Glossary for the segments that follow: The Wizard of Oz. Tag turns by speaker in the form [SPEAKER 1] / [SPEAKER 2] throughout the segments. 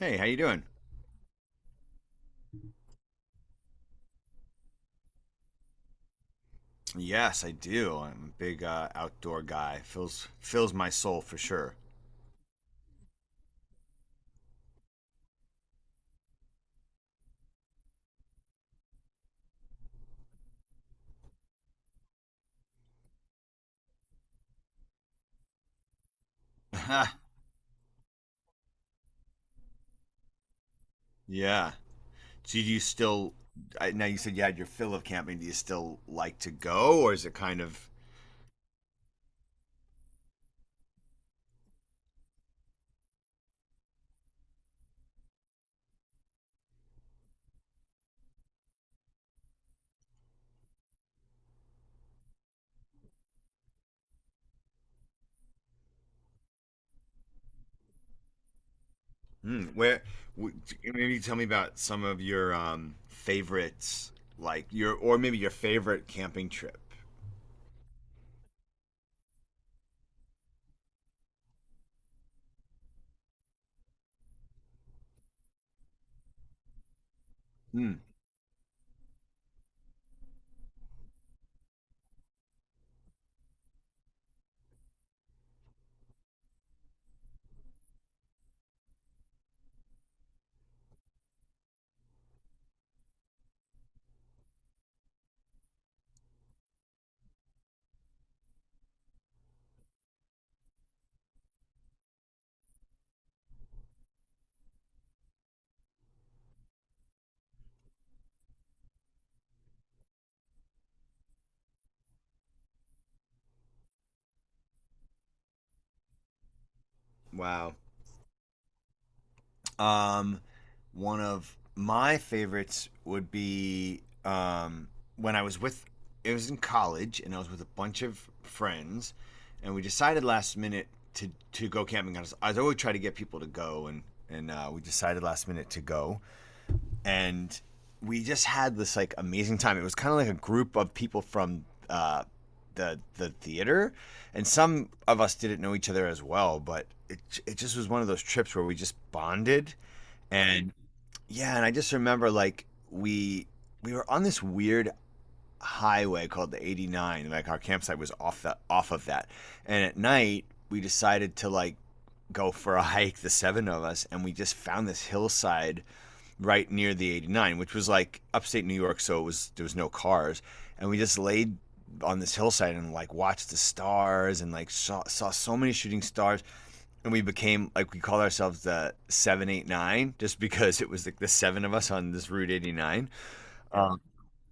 [SPEAKER 1] Hey, how you doing? Yes, I do. I'm a big outdoor guy. Fills my soul for sure. Yeah. So do you still? Now you said you had your fill of camping. Do you still like to go, or is it kind of where? w- Maybe tell me about some of your favorites, like your or maybe your favorite camping trip. Hmm. Wow. Um, One of my favorites would be when I was with, it was in college, and I was with a bunch of friends, and we decided last minute to go camping. I always try to get people to go, and, and we decided last minute to go. And we just had this like amazing time. It was kind of like a group of people from uh, the theater, and some of us didn't know each other as well, but it just was one of those trips where we just bonded and yeah, and I just remember like we were on this weird highway called the 89. Like our campsite was off the off of that. And at night we decided to like go for a hike, the seven of us, and we just found this hillside right near the 89, which was like upstate New York, so it was there was no cars, and we just laid on this hillside and like watched the stars and like saw so many shooting stars, and we became like we called ourselves the 789 just because it was like the seven of us on this route 89. Um,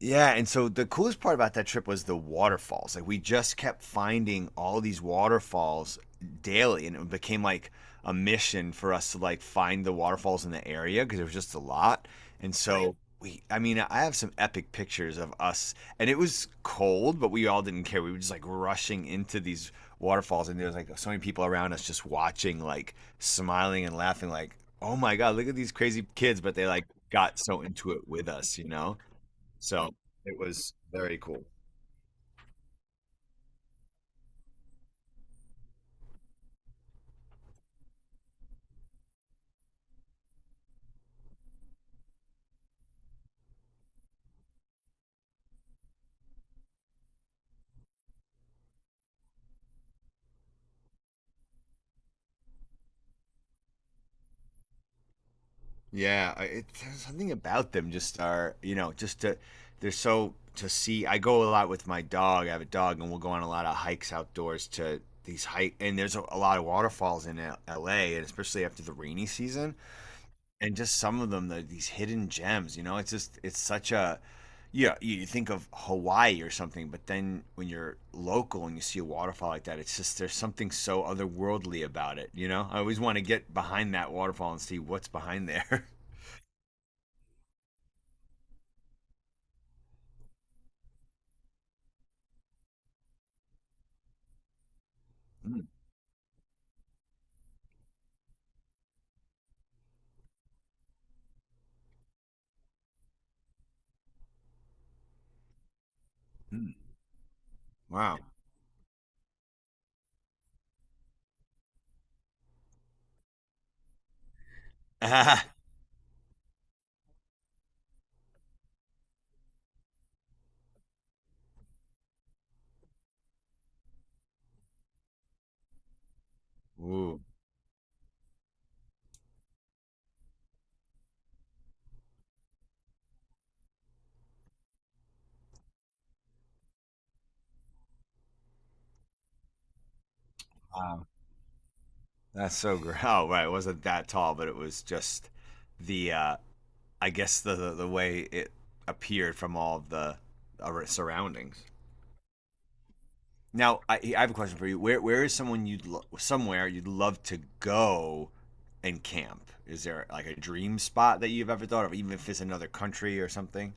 [SPEAKER 1] yeah, and so the coolest part about that trip was the waterfalls. Like we just kept finding all these waterfalls daily, and it became like a mission for us to like find the waterfalls in the area because there was just a lot. And, right, so I mean, I have some epic pictures of us, and it was cold, but we all didn't care. We were just like rushing into these waterfalls, and there was like so many people around us just watching, like smiling and laughing, like, oh my God, look at these crazy kids, but they like got so into it with us, you know? So it was very cool. Yeah, something about them just are just to they're so to see. I go a lot with my dog. I have a dog, and we'll go on a lot of hikes outdoors to these hike. And there's a lot of waterfalls in L.A. and especially after the rainy season, and just some of them, these hidden gems. You know, it's such a, yeah. You think of Hawaii or something, but then when you're local and you see a waterfall like that, it's just there's something so otherworldly about it. You know, I always want to get behind that waterfall and see what's behind there. Mm, mm. Wow. Ooh, wow. That's so great. Oh, right. It wasn't that tall, but it was just the I guess the way it appeared from all of the surroundings. Now, I have a question for you. Where is someone you'd lo- somewhere you'd love to go and camp. Is there like a dream spot that you've ever thought of, even if it's another country or something?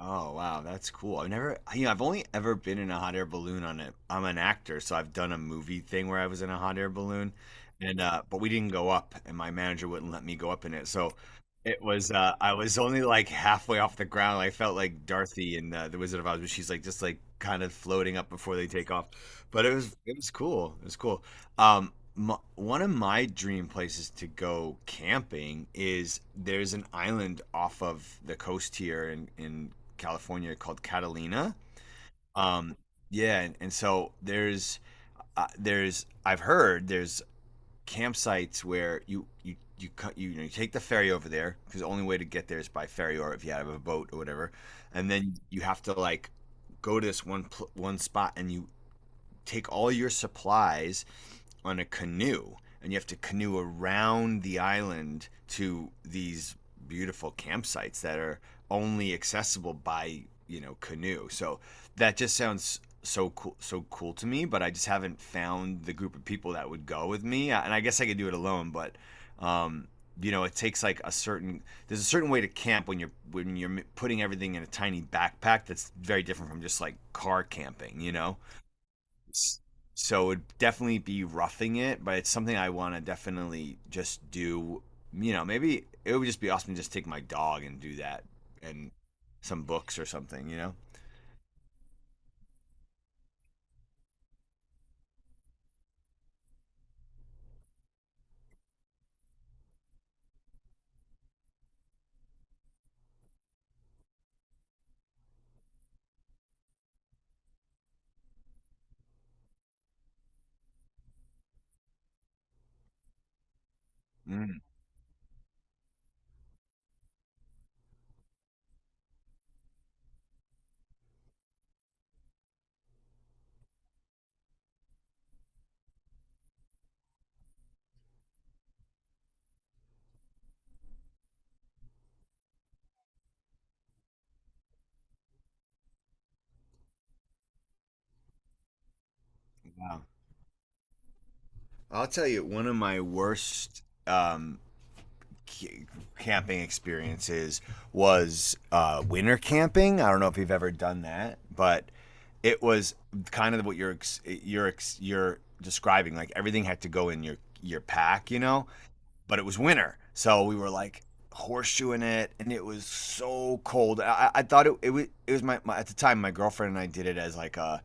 [SPEAKER 1] Oh wow, that's cool. I've never, you know, I've only ever been in a hot air balloon on it. I'm an actor, so I've done a movie thing where I was in a hot air balloon, and but we didn't go up, and my manager wouldn't let me go up in it. So I was only like halfway off the ground. I felt like Dorothy in The Wizard of Oz, but she's like just like kind of floating up before they take off. But it was cool. It was cool. Um, m One of my dream places to go camping is there's an island off of the coast here in California called Catalina. Um, yeah, and so there's I've heard there's campsites where you cut you take the ferry over there, because the only way to get there is by ferry or if you have a boat or whatever. And then you have to like go to this one spot, and you take all your supplies on a canoe, and you have to canoe around the island to these beautiful campsites that are only accessible by canoe. So that just sounds so cool, so cool to me, but I just haven't found the group of people that would go with me, and I guess I could do it alone, but um it takes like a certain there's a certain way to camp when you're putting everything in a tiny backpack that's very different from just like car camping, you know? So it would definitely be roughing it, but it's something I want to definitely just do. You know, maybe it would just be awesome to just take my dog and do that and some books or something, you know? Mm, wow. I'll tell you, one of my worst c- camping experiences was winter camping. I don't know if you've ever done that, but it was kind of what you're describing. Like everything had to go in your pack, you know. But it was winter, so we were like horseshoeing it, and it was so cold. I thought it was my at the time, my girlfriend and I did it as like a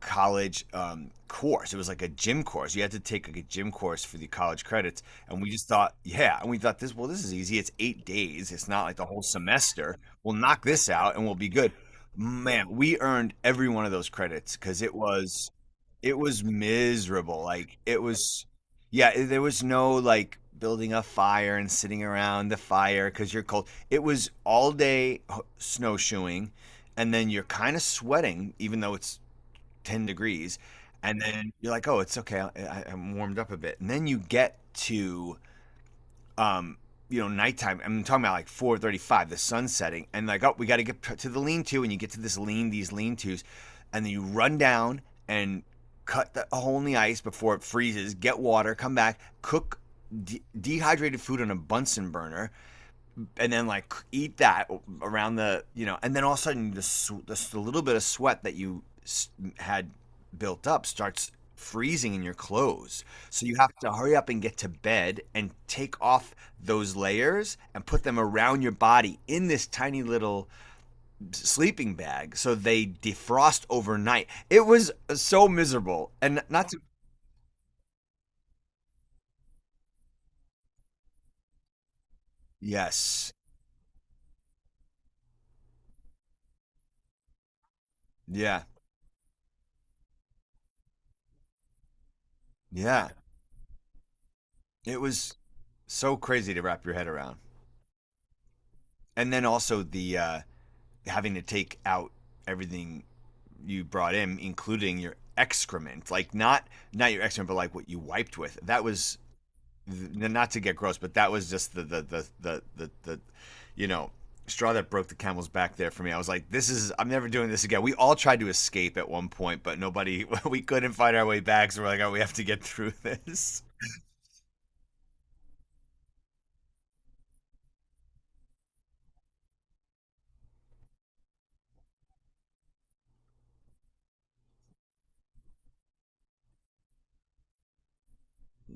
[SPEAKER 1] college course. It was like a gym course. You had to take like a gym course for the college credits, and we just thought, yeah, and we thought this well this is easy. It's 8 days. It's not like the whole semester. We'll knock this out, and we'll be good. Man, we earned every one of those credits, because it was miserable. Like it was, yeah. There was no like building a fire and sitting around the fire because you're cold. It was all day snowshoeing, and then you're kind of sweating even though it's 10 degrees, and then you're like, oh, it's okay. I'm warmed up a bit, and then you get to um, nighttime. I'm talking about like 4:35, the sun setting, and like, oh, we got to get to the lean-to, and you get to this these lean-tos, and then you run down and cut the hole in the ice before it freezes. Get water, come back, cook dehydrated food on a Bunsen burner, and then like eat that around and then all of a sudden little bit of sweat that you had built up starts freezing in your clothes. So you have to hurry up and get to bed and take off those layers and put them around your body in this tiny little sleeping bag so they defrost overnight. It was so miserable. And not to. Yes. Yeah. Yeah. It was so crazy to wrap your head around. And then also the having to take out everything you brought in, including your excrement, like not your excrement, but like what you wiped with. That was not to get gross, but that was just the you know straw that broke the camel's back there for me. I was like, I'm never doing this again. We all tried to escape at one point, but nobody, we couldn't find our way back. So we're like, oh, we have to get through this.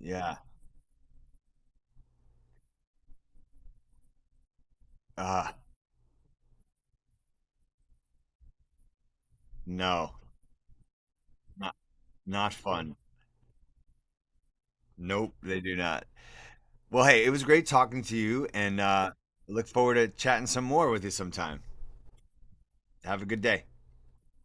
[SPEAKER 1] Yeah. Uh, no, not, not fun. Nope, they do not. Well, hey, it was great talking to you, and look forward to chatting some more with you sometime. Have a good day.